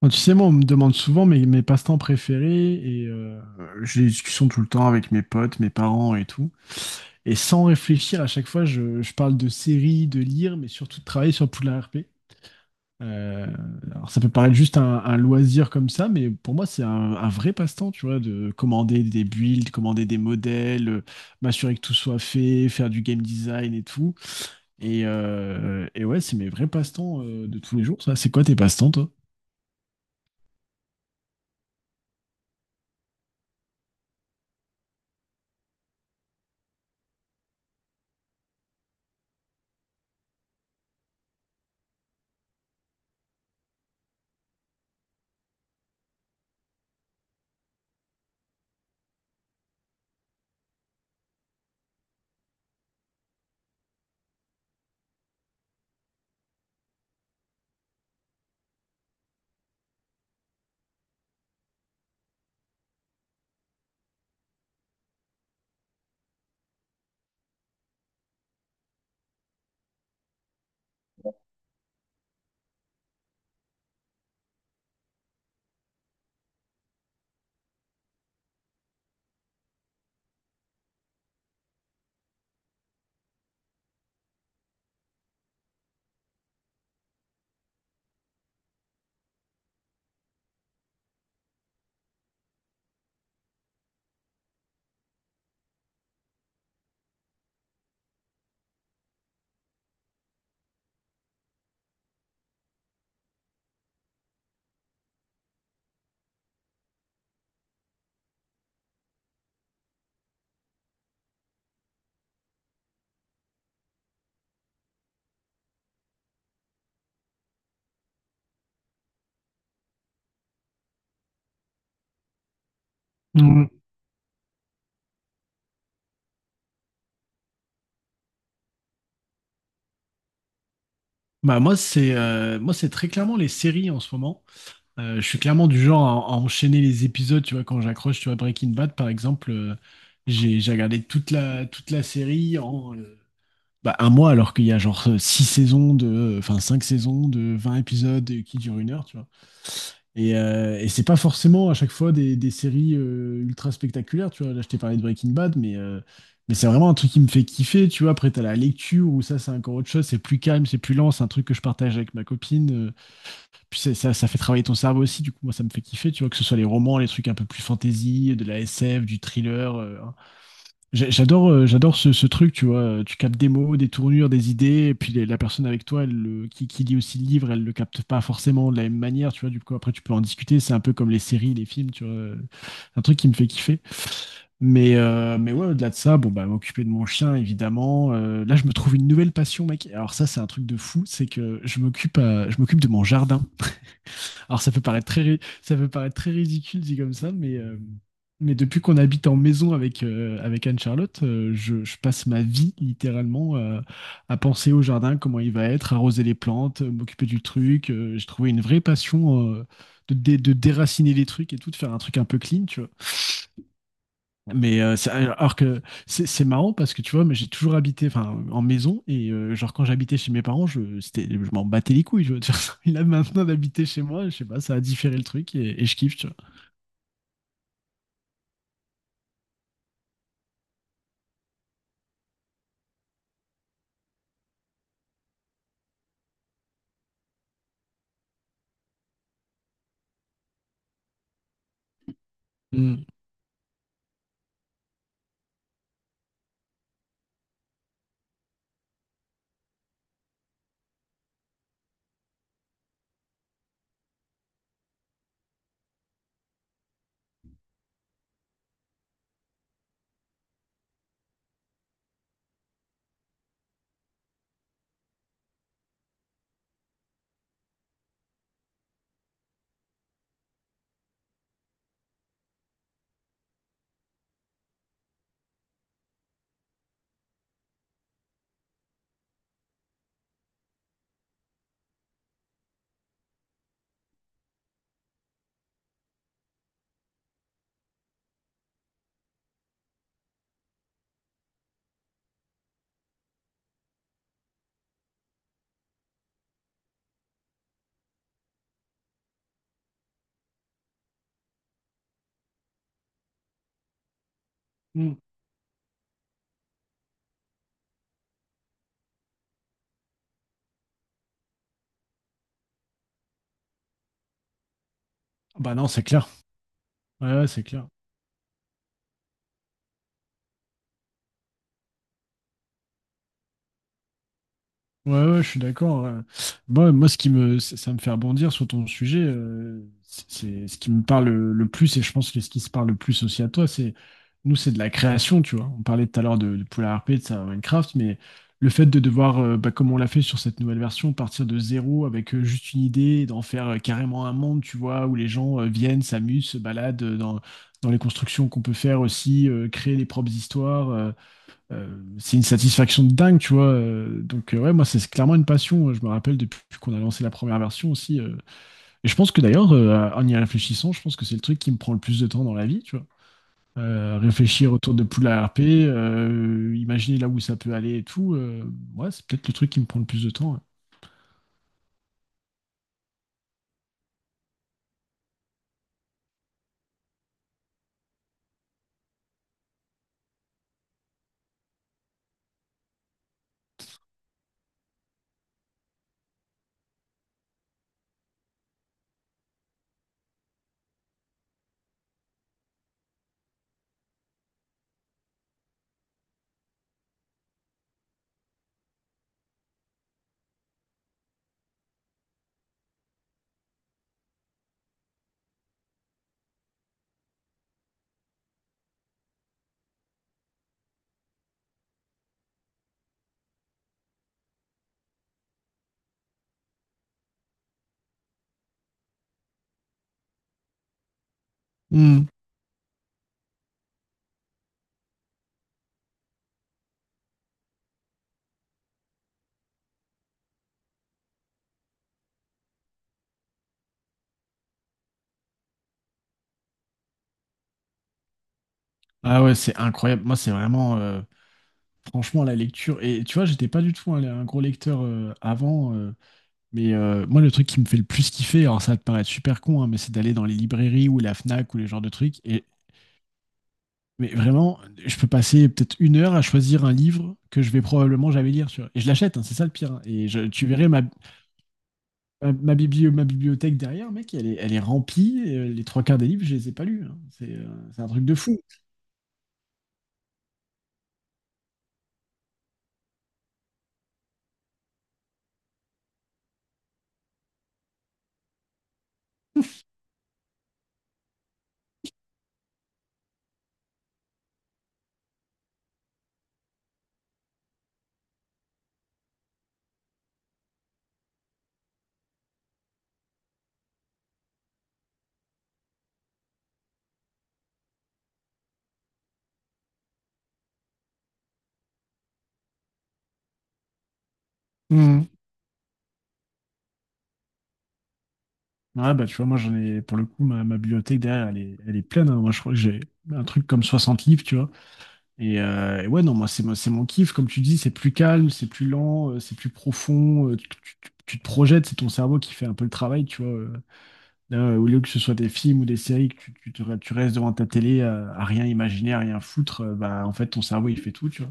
Bon, tu sais, moi, on me demande souvent mes passe-temps préférés et j'ai des discussions tout le temps avec mes potes, mes parents et tout. Et sans réfléchir, à chaque fois, je parle de séries, de lire, mais surtout de travailler sur Poudlard RP. Euh, alors, ça peut paraître juste un loisir comme ça, mais pour moi, c'est un vrai passe-temps, tu vois, de commander des builds, commander des modèles, m'assurer que tout soit fait, faire du game design et tout. Et ouais, c'est mes vrais passe-temps de tous les jours, ça. C'est quoi tes passe-temps, toi? Mm. Bah moi c'est très clairement les séries en ce moment. Je suis clairement du genre à enchaîner les épisodes, tu vois, quand j'accroche, tu vois, Breaking Bad par exemple, j'ai regardé toute la série en, un mois alors qu'il y a six saisons de, enfin cinq saisons de 20 épisodes qui durent 1 heure, tu vois. Et c'est pas forcément à chaque fois des séries ultra spectaculaires, tu vois. Là, je t'ai parlé de Breaking Bad, mais c'est vraiment un truc qui me fait kiffer, tu vois. Après, t'as la lecture où ça, c'est encore autre chose, c'est plus calme, c'est plus lent, c'est un truc que je partage avec ma copine. Puis ça fait travailler ton cerveau aussi, du coup, moi, ça me fait kiffer, tu vois, que ce soit les romans, les trucs un peu plus fantasy, de la SF, du thriller. J'adore ce truc, tu vois. Tu captes des mots, des tournures, des idées, et puis la personne avec toi, elle, qui lit aussi le livre, elle le capte pas forcément de la même manière, tu vois. Du coup, après, tu peux en discuter. C'est un peu comme les séries, les films, tu vois. C'est un truc qui me fait kiffer. Mais ouais, au-delà de ça, bon, bah, m'occuper de mon chien, évidemment. Là, je me trouve une nouvelle passion, mec. Alors ça, c'est un truc de fou. C'est que je m'occupe de mon jardin. Alors ça peut paraître très ridicule dit comme ça, mais depuis qu'on habite en maison avec Anne-Charlotte, je passe ma vie littéralement à penser au jardin, comment il va être, arroser les plantes, m'occuper du truc. J'ai trouvé une vraie passion de déraciner les trucs et tout, de faire un truc un peu clean, tu vois. Mais alors que c'est marrant parce que tu vois, mais j'ai toujours habité enfin en maison et genre quand j'habitais chez mes parents, je c'était je m'en battais les couilles. Tu vois, et là maintenant d'habiter chez moi, je sais pas, ça a différé le truc et je kiffe. Tu vois. Mm. Mm. Bah non, c'est clair. Ouais, ouais, c'est clair. Ouais, ouais, je suis d'accord. Moi, ce qui me, ça ça me fait rebondir sur ton sujet, c'est ce qui me parle le plus, et je pense que ce qui se parle le plus aussi à toi, c'est nous, c'est de la création, tu vois. On parlait tout à l'heure de Polar RP, de ça, Minecraft, mais le fait de devoir, comme on l'a fait sur cette nouvelle version, partir de zéro avec juste une idée, et d'en faire carrément un monde, tu vois, où les gens viennent, s'amusent, se baladent dans les constructions qu'on peut faire aussi, créer les propres histoires. C'est une satisfaction de dingue, tu vois. Donc, ouais, moi, c'est clairement une passion. Je me rappelle depuis qu'on a lancé la première version aussi. Et je pense que d'ailleurs, en y réfléchissant, je pense que c'est le truc qui me prend le plus de temps dans la vie, tu vois. Réfléchir autour de Poula RP, imaginer là où ça peut aller et tout. Ouais, c'est peut-être le truc qui me prend le plus de temps. Ouais. Hmm. Ah ouais, c'est incroyable. Moi, c'est vraiment, franchement, la lecture. Et tu vois, j'étais pas du tout un gros lecteur avant. Mais moi, le truc qui me fait le plus kiffer, alors ça va te paraître super con, hein, mais c'est d'aller dans les librairies ou la Fnac ou les genres de trucs. Et, mais vraiment, je peux passer peut-être 1 heure à choisir un livre que je vais probablement jamais lire, tu vois. Et je l'achète, hein, c'est ça le pire, hein. Et tu verrais ma bibliothèque derrière, mec, elle est remplie. Les trois quarts des livres, je les ai pas lus, hein. C'est un truc de fou. Mhm. Ah bah tu vois, moi j'en ai pour le coup ma bibliothèque derrière, elle est pleine, hein. Moi je crois que j'ai un truc comme 60 livres, tu vois. Et ouais, non, moi, c'est mon kiff. Comme tu dis, c'est plus calme, c'est plus lent, c'est plus profond. Tu te projettes, c'est ton cerveau qui fait un peu le travail, tu vois. Là, au lieu que ce soit des films ou des séries, que tu restes devant ta télé à rien imaginer, à rien foutre, en fait, ton cerveau, il fait tout, tu vois.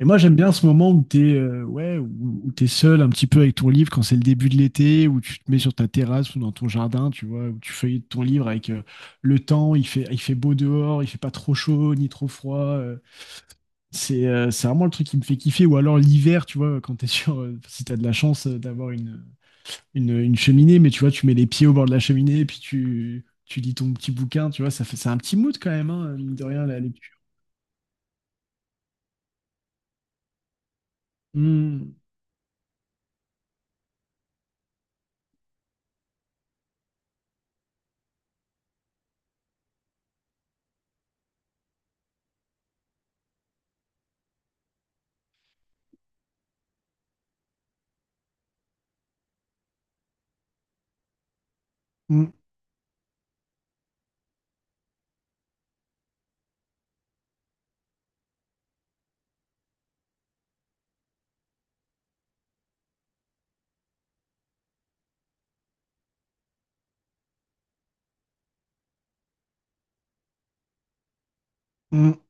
Et moi, j'aime bien ce moment où t'es, ouais, où t'es seul un petit peu avec ton livre quand c'est le début de l'été, où tu te mets sur ta terrasse ou dans ton jardin, tu vois, où tu feuillettes ton livre avec le temps, il fait beau dehors, il fait pas trop chaud ni trop froid. C'est vraiment le truc qui me fait kiffer. Ou alors l'hiver, tu vois, quand t'es sur. Si t'as de la chance d'avoir une cheminée, mais tu vois, tu mets les pieds au bord de la cheminée et puis tu lis ton petit bouquin, tu vois, ça fait, c'est un petit mood quand même, hein, mine de rien, la lecture. Mm, mm, mm.